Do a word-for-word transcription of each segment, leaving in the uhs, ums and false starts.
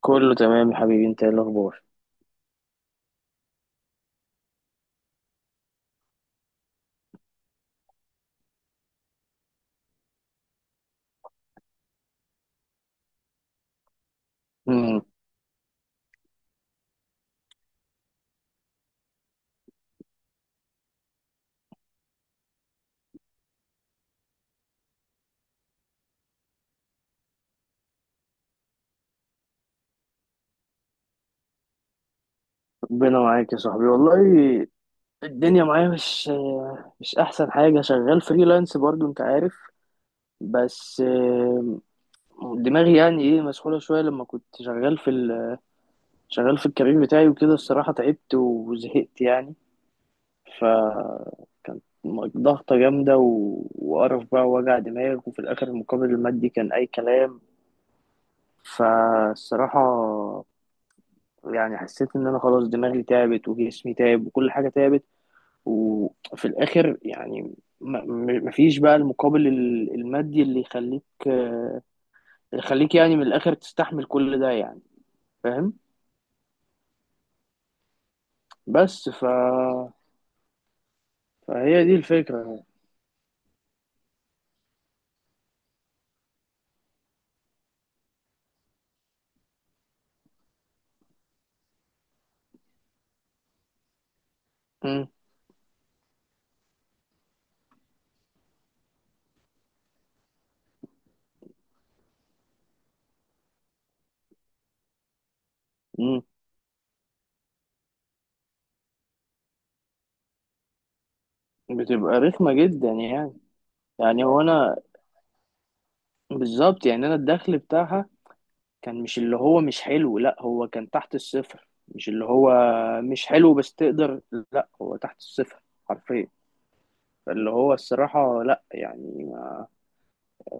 كله تمام يا حبيبي، انت ايه الاخبار؟ مم. ربنا معاك يا صاحبي والله. الدنيا معايا مش مش احسن حاجه. شغال فريلانس برضو انت عارف، بس آه، دماغي يعني ايه مسحوله شويه لما كنت شغال في ال... شغال في الكارير بتاعي وكده. الصراحه تعبت وزهقت يعني. ف كانت ضغطه جامده و... وقرف بقى ووجع دماغ، وفي الاخر المقابل المادي كان اي كلام. فالصراحه يعني حسيت ان انا خلاص دماغي تعبت وجسمي تعب وكل حاجه تعبت. وفي الاخر يعني ما- م- مفيش بقى المقابل ال- المادي اللي يخليك، آه، يخليك يعني من الاخر تستحمل كل ده يعني، فاهم. بس ف... فهي دي الفكره. مم. مم. بتبقى رخمه جدا يعني. يعني هو انا بالظبط، يعني انا الدخل بتاعها كان مش اللي هو مش حلو. لا، هو كان تحت الصفر، مش اللي هو مش حلو بس تقدر. لا، هو تحت الصفر حرفيا. فاللي هو الصراحة لا، يعني ما-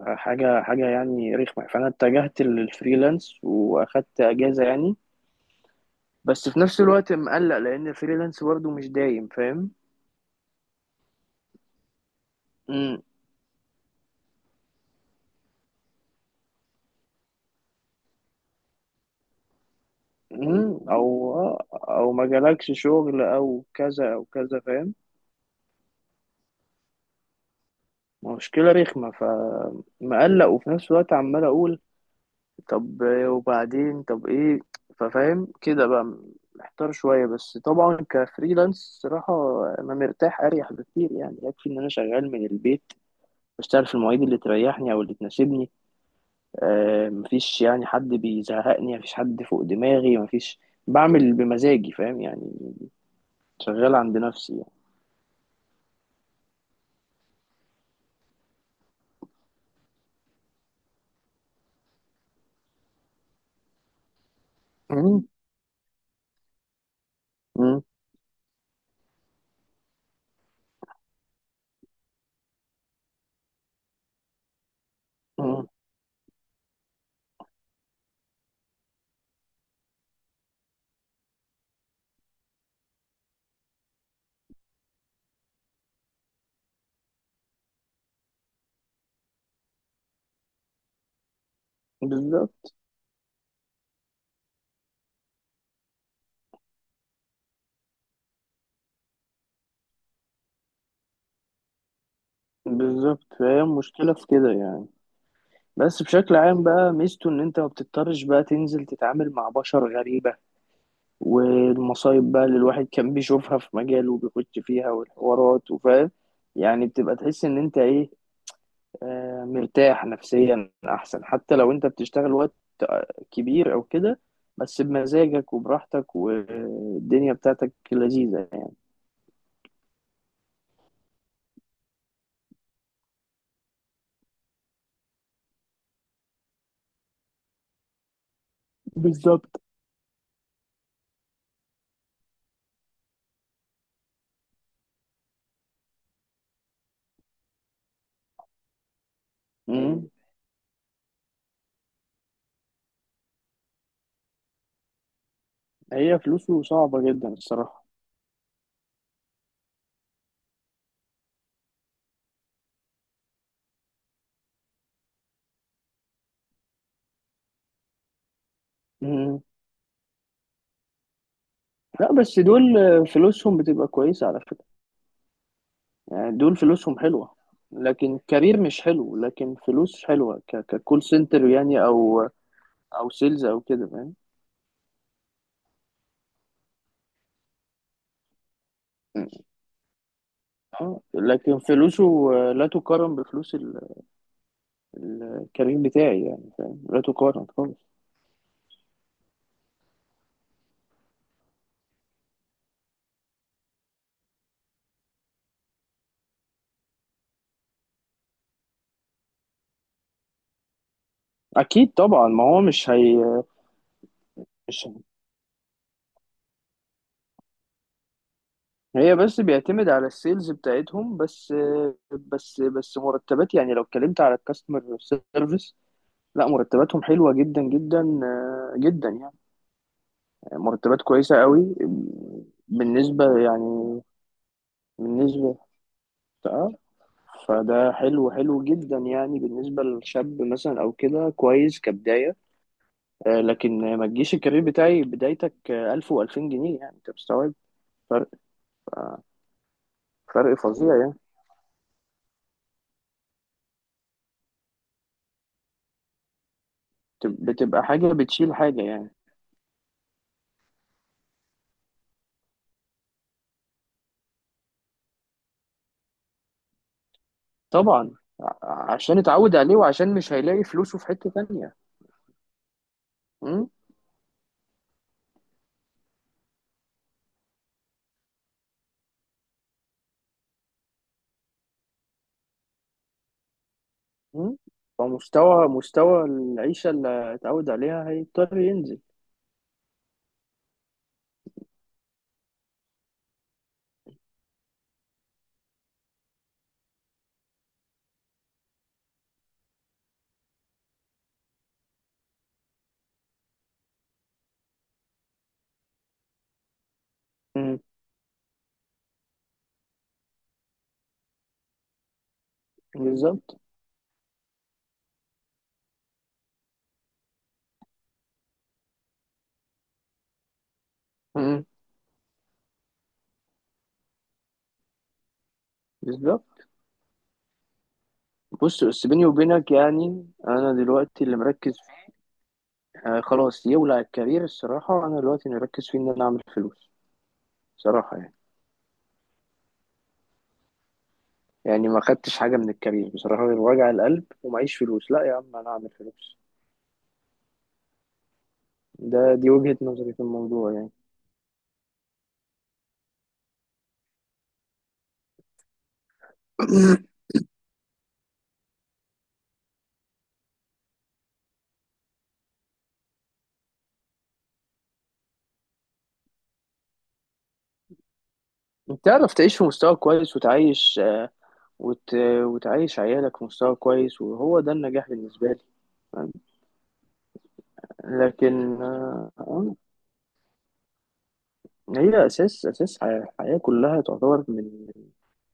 حاجة حاجة يعني رخمة. فأنا اتجهت للفريلانس وأخدت أجازة يعني، بس في نفس الوقت مقلق لأن الفريلانس برضه مش دايم، فاهم. مم. مم. أو أو ما جالكش شغل أو كذا أو كذا، فاهم. مشكلة رخمة، فمقلق. وفي نفس الوقت عمال أقول طب وبعدين، طب ايه؟ ففاهم كده بقى، محتار شوية. بس طبعا كفريلانس صراحة أنا مرتاح، أريح بكتير يعني. يكفي إن أنا شغال من البيت، بشتغل في المواعيد اللي تريحني أو اللي تناسبني. آه، مفيش يعني حد بيزهقني، مفيش حد فوق دماغي، مفيش. بعمل بمزاجي، فاهم يعني. شغال عند نفسي يعني. مم. مم. مم. بالظبط. بالظبط، فهي المشكلة في كده يعني. بس بشكل عام بقى ميزته ان انت ما بتضطرش بقى تنزل تتعامل مع بشر غريبة، والمصايب بقى اللي الواحد كان بيشوفها في مجاله وبيخش فيها والحوارات وفاهم يعني. بتبقى تحس ان انت ايه، آه، مرتاح نفسيا احسن. حتى لو انت بتشتغل وقت آه، كبير او كده، بس بمزاجك وبراحتك والدنيا بتاعتك لذيذة يعني. بالظبط. مم. هي فلوسه صعبة جدا الصراحة. مم. لا، بس دول آه، فلوسهم بتبقى كويسة على فكرة. يعني دول فلوسهم حلوة، لكن كارير مش حلو لكن فلوس حلوة. ك... ككول سنتر يعني، أو أو سيلز أو كده فاهم. اه لكن فلوسه لا تقارن بفلوس ال- الكارير بتاعي، يعني فاهم، لا تقارن خالص. اكيد طبعا، ما هو مش هي مش هي بس بيعتمد على السيلز بتاعتهم بس. بس بس مرتبات، يعني لو اتكلمت على الكاستمر سيرفيس، لا مرتباتهم حلوة جدا جدا آه، جدا يعني. مرتبات كويسة قوي بالنسبة يعني، بالنسبة، اه. فده حلو حلو جدا يعني، بالنسبة لشاب مثلا أو كده كويس كبداية. آه، لكن ما تجيش الكارير بتاعي بدايتك ألف وألفين جنيه، يعني أنت مستوعب فرق فرق فظيع يعني. بتب- بتبقى حاجة بتشيل حاجة يعني. طبعا، ع- عشان اتعود عليه وعشان مش هيلاقي فلوسه في حتة تانية. م؟ م؟ فمستوى مستوى العيشة اللي اتعود عليها هيضطر ينزل. م. بالظبط. بالظبط، بص. بس بيني وبينك يعني انا دلوقتي اللي مركز فيه، آه خلاص يولع الكارير الصراحه. انا دلوقتي اللي مركز فيه ان انا اعمل فلوس، صراحه يعني. يعني ما خدتش حاجه من الكارير بصراحه غير وجع القلب ومعيش فلوس. لا يا عم، انا اعمل فلوس. ده دي وجهه نظري في الموضوع يعني. انت تعرف تعيش في مستوى كويس، وتعيش آه، وت... وتعيش عيالك في مستوى كويس، وهو ده النجاح بالنسبه لي. لكن آه، آه، هي اساس اساس ح- الحياه كلها، تعتبر من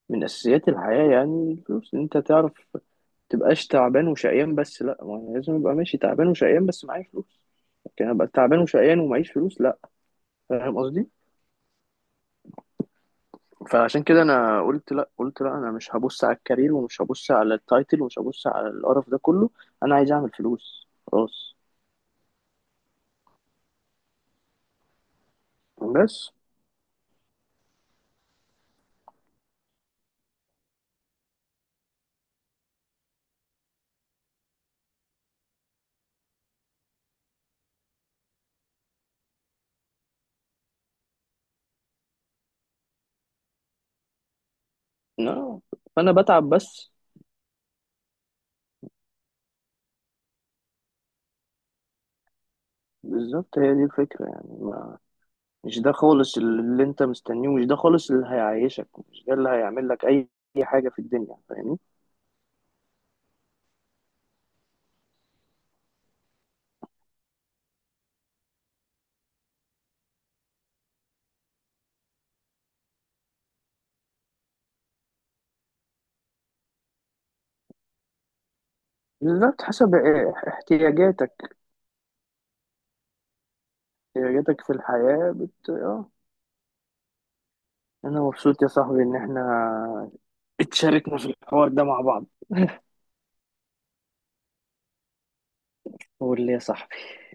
من اساسيات الحياه يعني. الفلوس إن انت تعرف تبقاش تعبان وشقيان بس. لا، ما أنا لازم ابقى ماشي تعبان وشقيان بس معايا فلوس. لكن ابقى تعبان وشقيان ومعيش فلوس، لا. فاهم قصدي. فعشان كده انا قلت لا، قلت لا، انا مش هبص على الكارير ومش هبص على التايتل ومش هبص على القرف ده كله. انا عايز اعمل فلوس خلاص. بس. لا، فانا بتعب بس. بالظبط، هي دي الفكرة يعني، ما مش ده خالص اللي انت مستنيه، مش ده خالص اللي هيعيشك، مش ده اللي هيعمل لك اي أي حاجة في الدنيا، فاهمني. بالظبط، حسب إيه- احتياجاتك. احتياجاتك في الحياة بت... اه. انا مبسوط يا صاحبي ان احنا اتشاركنا في الحوار ده مع بعض. قول لي يا صاحبي.